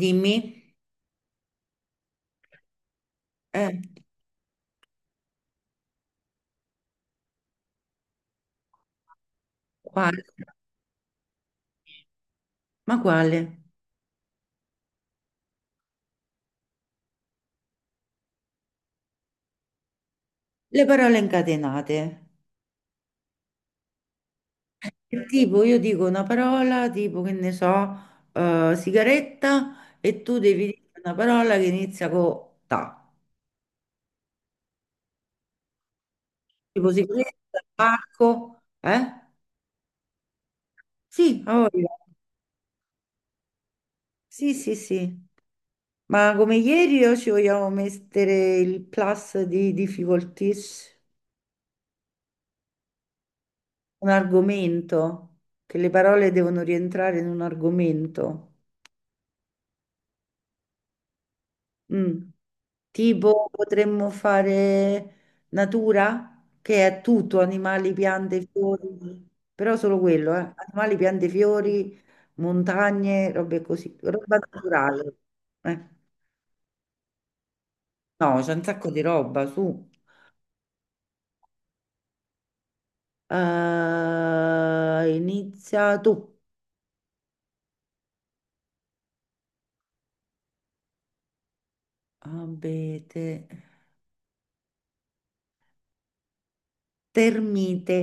Dimmi. Eh. Quale? Ma quale? Le parole incatenate. Che tipo, io dico una parola, tipo che ne so, sigaretta, e tu devi dire una parola che inizia con ta. Tipo sigaretta, parco, eh? Sì, a voglia. Sì, sì, sì. Ma come ieri o ci vogliamo mettere il plus di difficulties? Un argomento, che le parole devono rientrare in un argomento. Mm. Tipo potremmo fare natura, che è tutto, animali, piante, fiori, però solo quello, eh. Animali, piante, fiori, montagne, robe così, roba naturale. Eh. No, c'è un sacco di roba, su. Inizia tu. Abete. Termite.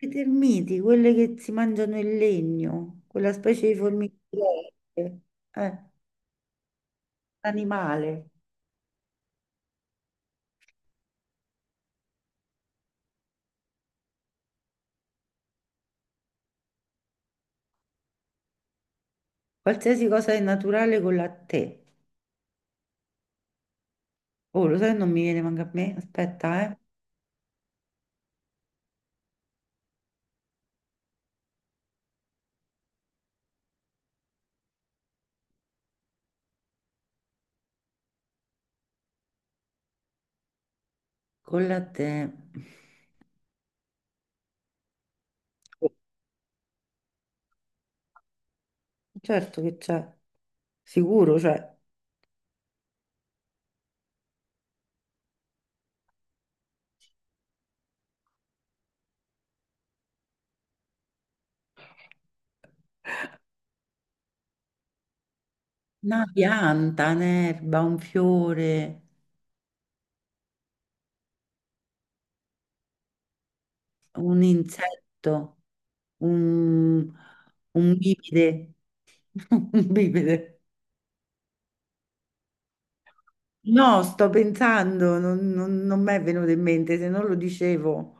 Le termiti, quelle che si mangiano il legno, quella specie di formiche. Eh. Animale, qualsiasi cosa è naturale con la te. Oh, lo sai, non mi viene manca a me. Aspetta, eh. Con la te. Certo che c'è, sicuro c'è. Una pianta, un'erba, un fiore, un insetto, un, un bipede. Un bipede. No, sto pensando, non mi è venuto in mente, se non lo dicevo.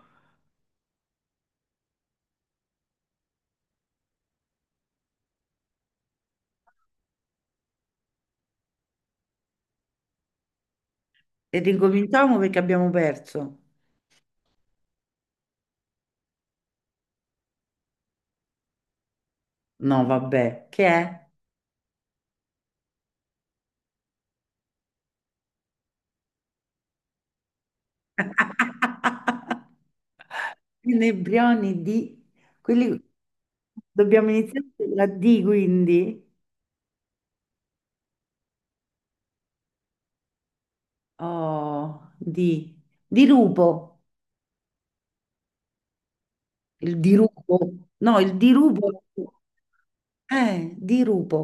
E ricominciamo perché abbiamo perso. No, vabbè, che è? Inebrioni di quelli dobbiamo iniziare con la D quindi. Oh, di, dirupo, il dirupo, no, il dirupo, dirupo,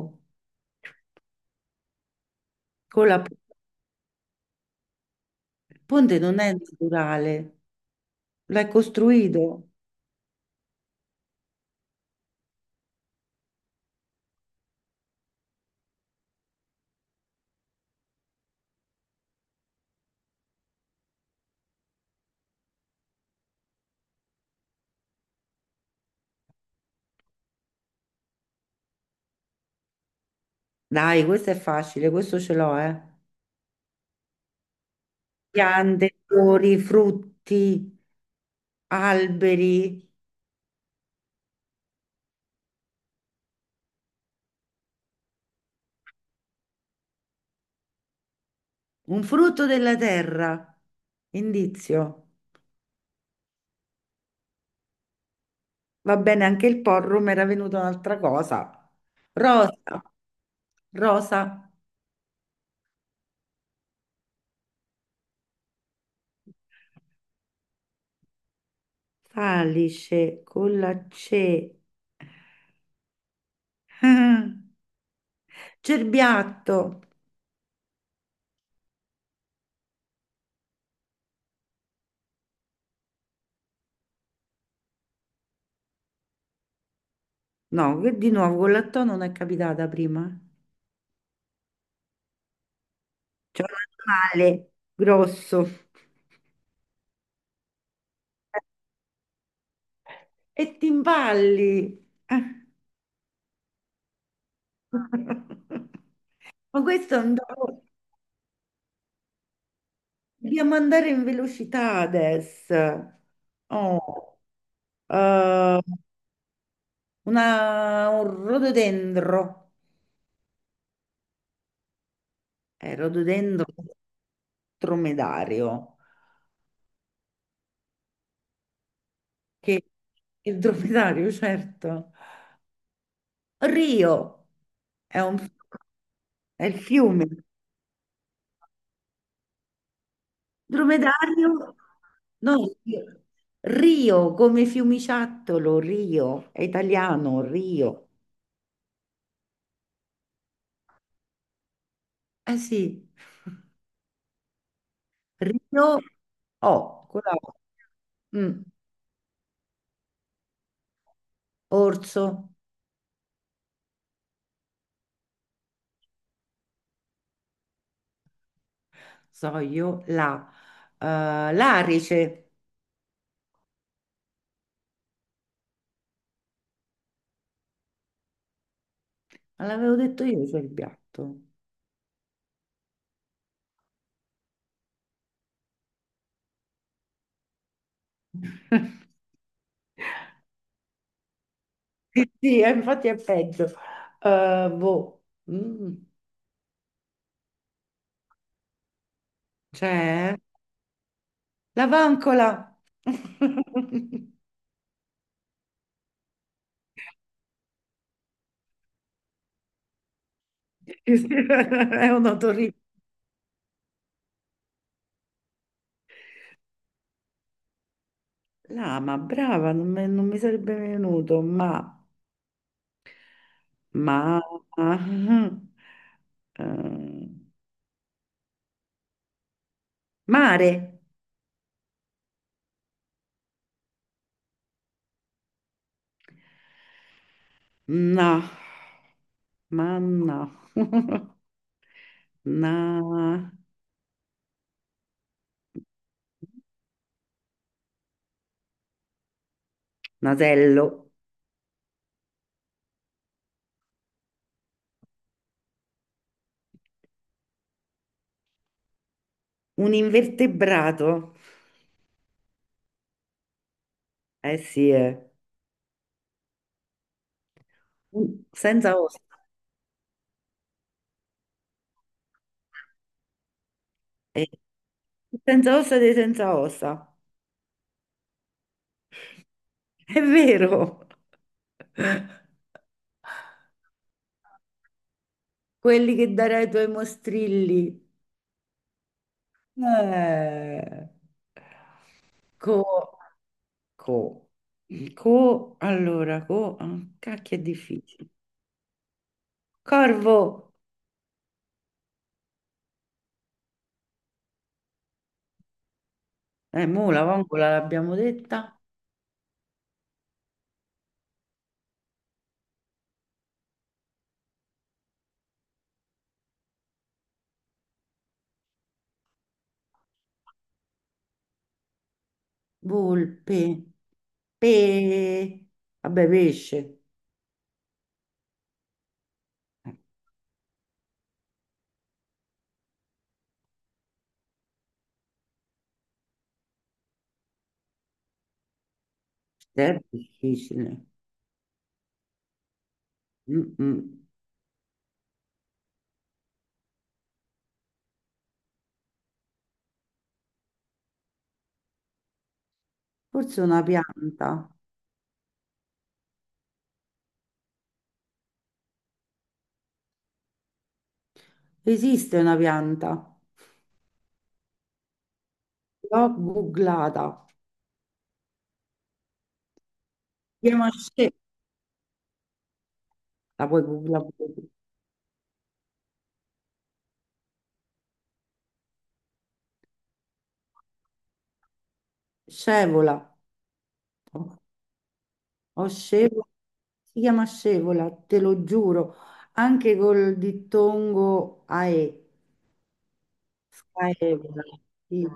con la, il ponte non è naturale, l'hai costruito, dai, questo è facile, questo ce l'ho, eh. Piante, fiori, frutti, alberi. Un frutto della terra. Indizio. Va bene, anche il porrum era venuto un'altra cosa. Rosa. Rosa. Salice con la C. Cerbiatto. No, che di nuovo con la T non è capitata prima. C'è un animale grosso. E ti impalli. Eh. Ma questo è un... Dobbiamo andare in velocità adesso. Oh, eh, una- un rododendro, rododendro dromedario, che il dromedario, certo. Rio è un è il fiume. Dromedario, no, Rio, come fiumiciattolo, Rio, è italiano, Rio. Eh sì, Rio, oh, quella, mm, orso. So io la, l'arice, ma l'avevo detto io c'è il piatto. Sì, sì, infatti è peggio. Boh. Mm. C'è la vancola. È un otorino. Lama, brava, non mi sarebbe venuto, ma, eh, mare, no, ma no. Na- nasello, un invertebrato, eh sì, eh. Senza ossa, eh, senza ossa dei senza ossa, è vero, quelli che darai ai tuoi mostrilli, eh. Co, co, co, allora, co, ah, cacchio è difficile, corvo, mo la vongola l'abbiamo detta, volpe, pe, vabbè, pesce. È difficile. Mm-mm. Forse una pianta. Esiste una pianta. L'ho googlata. Si chiama sce- La puoi googlare pure tu. Scevola. Ho scevola. Si chiama scevola, te lo giuro. Anche col dittongo AE. Scaevola. Sì.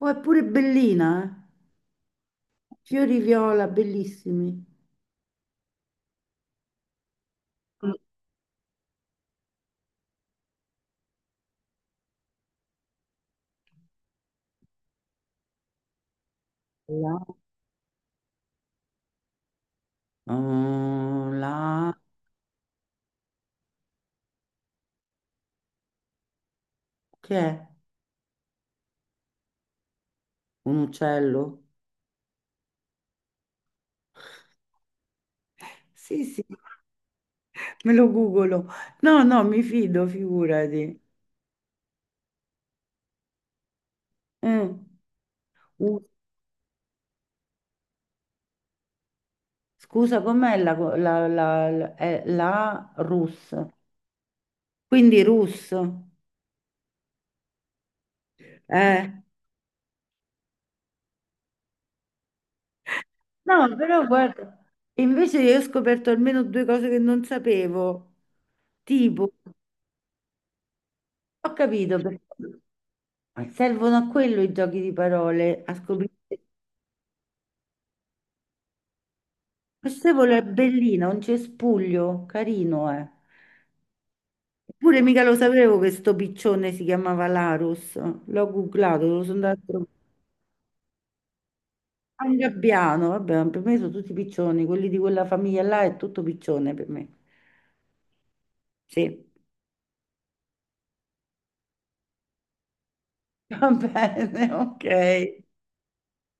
Oh, è pure bellina, eh. Fiori viola, bellissimi. La, oh, la, che è? Un uccello? Sì, sì, me lo googolo. No, no, mi fido, figurati. Eh, U- Scusa, com'è la, la, la, la, è la russa? Quindi russo. Eh, No, però guarda, invece io ho scoperto almeno due cose che non sapevo. Tipo, ho capito perché servono a quello i giochi di parole, a scoprire. Questa è bellina, un cespuglio, carino, eh. Eppure mica lo sapevo che sto piccione si chiamava Larus. L'ho googlato, lo sono andato a trovare. Ah, un gabbiano, vabbè, per me sono tutti piccioni, quelli di quella famiglia là è tutto piccione per me. Sì, va bene, ok.